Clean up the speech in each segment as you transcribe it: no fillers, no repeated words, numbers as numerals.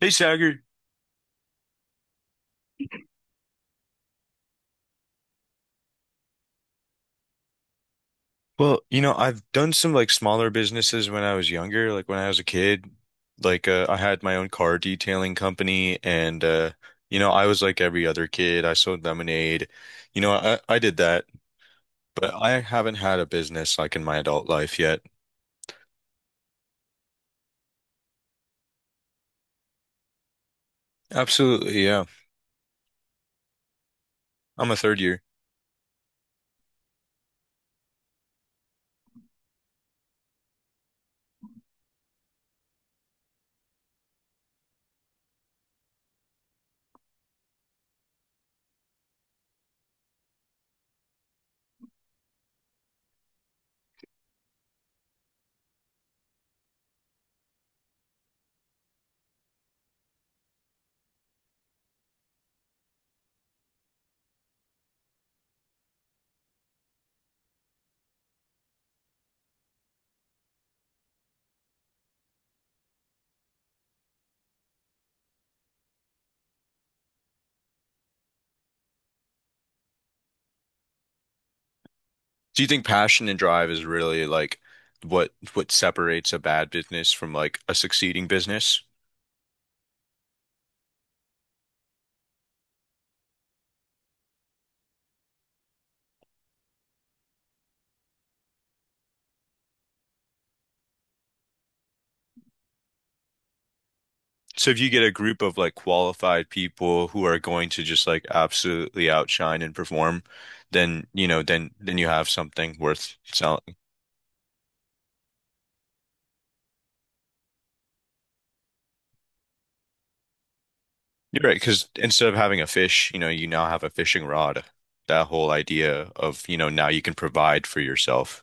Hey, Sagar. Well, you know, I've done some like smaller businesses when I was younger, like when I was a kid. Like I had my own car detailing company and you know, I was like every other kid. I sold lemonade. You know, I did that, but I haven't had a business like in my adult life yet. Absolutely, yeah. I'm a third year. Do you think passion and drive is really like what separates a bad business from like a succeeding business? So if you get a group of like qualified people who are going to just like absolutely outshine and perform, then you know, then you have something worth selling. You're right, because instead of having a fish, you know, you now have a fishing rod. That whole idea of, you know, now you can provide for yourself.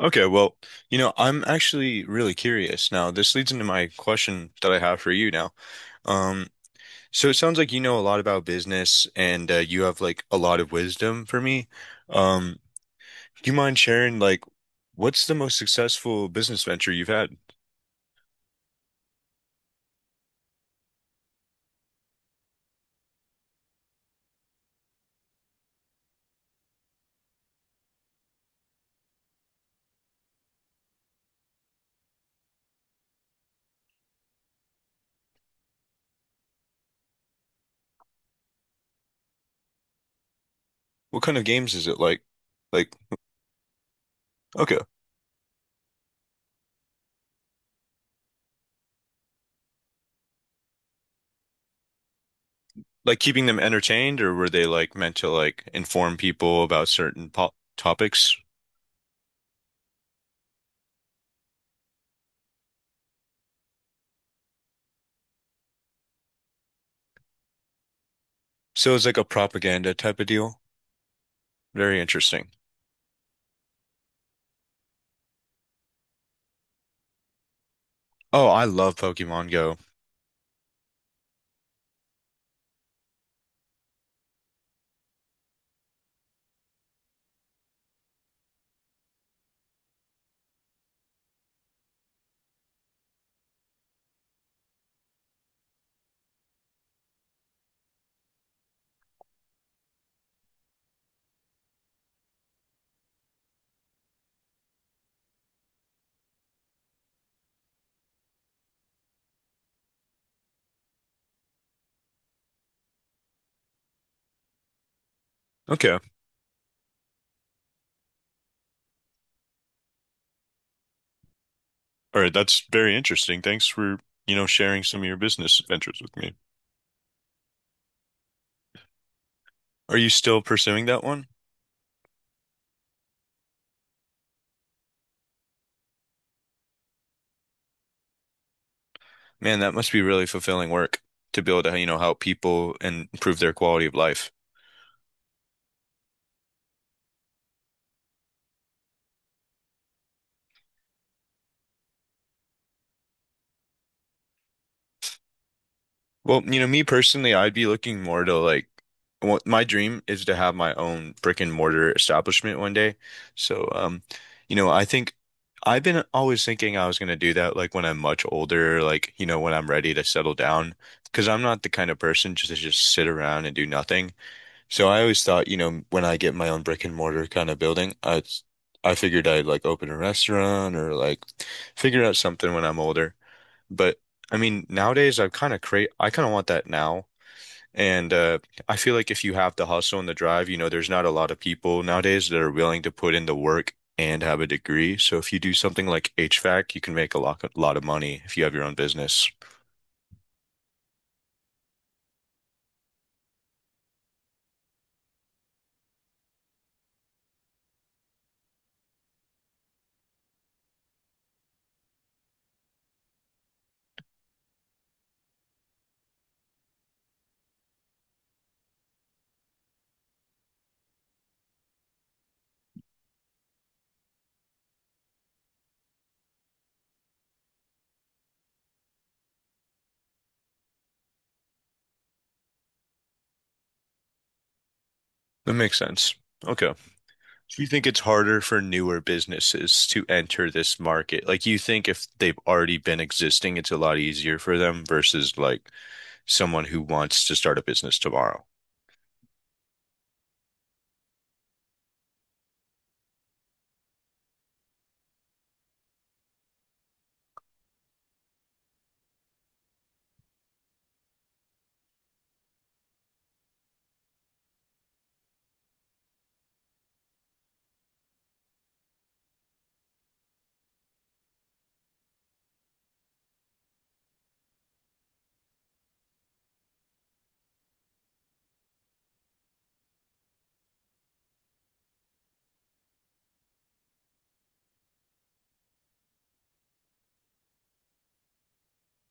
Okay, well, you know, I'm actually really curious now. This leads into my question that I have for you now. Um, so it sounds like you know a lot about business and you have like a lot of wisdom for me. Um, Do you mind sharing, like, what's the most successful business venture you've had? What kind of games is it like? Like, okay, like keeping them entertained, or were they like meant to like inform people about certain po topics? So it's like a propaganda type of deal. Very interesting. Oh, I love Pokemon Go. Okay. All right, that's very interesting. Thanks for, you know, sharing some of your business ventures with me. Are you still pursuing that one? Man, that must be really fulfilling work to be able to, you know, help people and improve their quality of life. Well, you know, me personally, I'd be looking more to like what my dream is to have my own brick and mortar establishment one day. So, you know, I think I've been always thinking I was going to do that like when I'm much older, like, you know, when I'm ready to settle down, because I'm not the kind of person just to just sit around and do nothing. So I always thought, you know, when I get my own brick and mortar kind of building, I figured I'd like open a restaurant or like figure out something when I'm older. But I mean, nowadays I've kind of crave I kind of want that now. And I feel like if you have the hustle and the drive, you know, there's not a lot of people nowadays that are willing to put in the work and have a degree. So if you do something like HVAC, you can make a lot of money if you have your own business. That makes sense. Okay. Do you think it's harder for newer businesses to enter this market? Like, you think if they've already been existing, it's a lot easier for them versus like someone who wants to start a business tomorrow?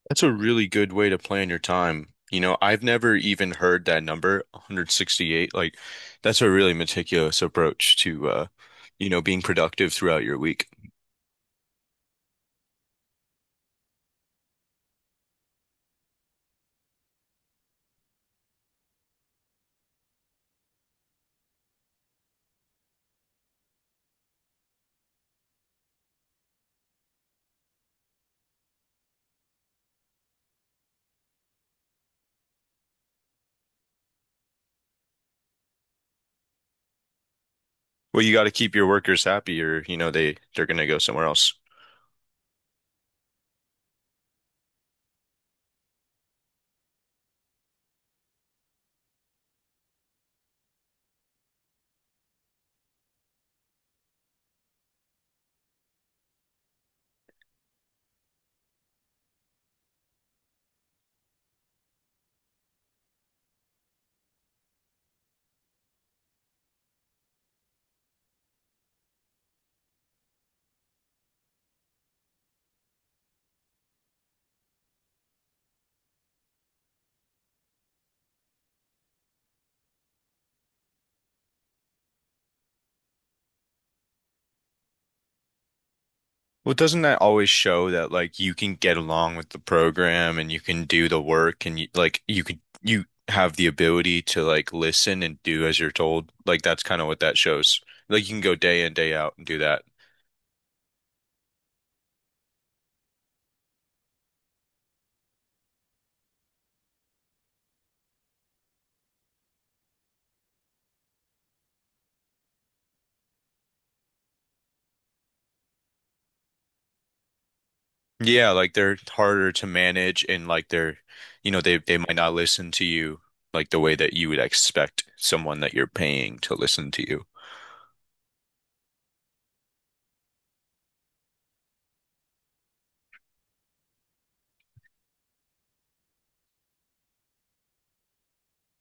That's a really good way to plan your time. You know, I've never even heard that number, 168. Like, that's a really meticulous approach to, you know, being productive throughout your week. Well, you got to keep your workers happy or, you know, they're going to go somewhere else. Well, doesn't that always show that like you can get along with the program and you can do the work and you like you could you have the ability to like listen and do as you're told? Like that's kind of what that shows. Like you can go day in, day out and do that. Yeah, like they're harder to manage and like they're, you know, they might not listen to you like the way that you would expect someone that you're paying to listen to you.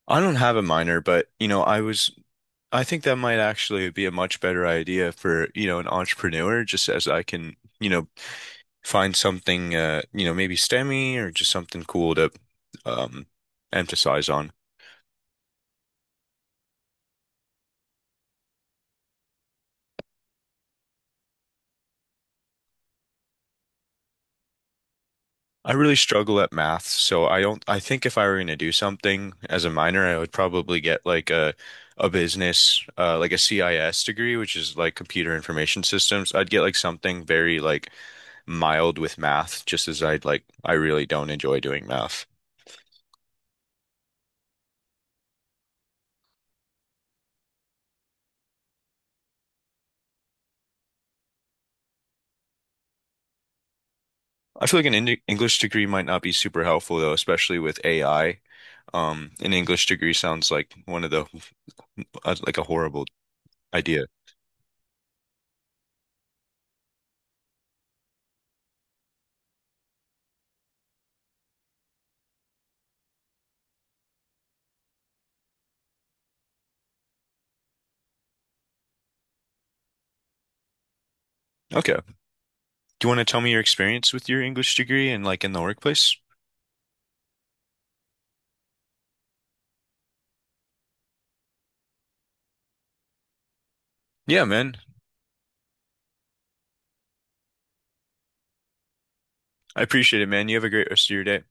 I don't have a minor, but you know, I was I think that might actually be a much better idea for, you know, an entrepreneur, just as I can, you know, find something, you know, maybe STEMmy or just something cool to um, emphasize on. I really struggle at math, so I don't I think if I were going to do something as a minor, I would probably get like a business like a CIS degree, which is like computer information systems. I'd get like something very like mild with math, just as I'd like I really don't enjoy doing math. I feel like an English degree might not be super helpful though, especially with AI. An English degree sounds like one of the like a horrible idea. Okay. Do you want to tell me your experience with your English degree and like in the workplace? Yeah, man. I appreciate it, man. You have a great rest of your day.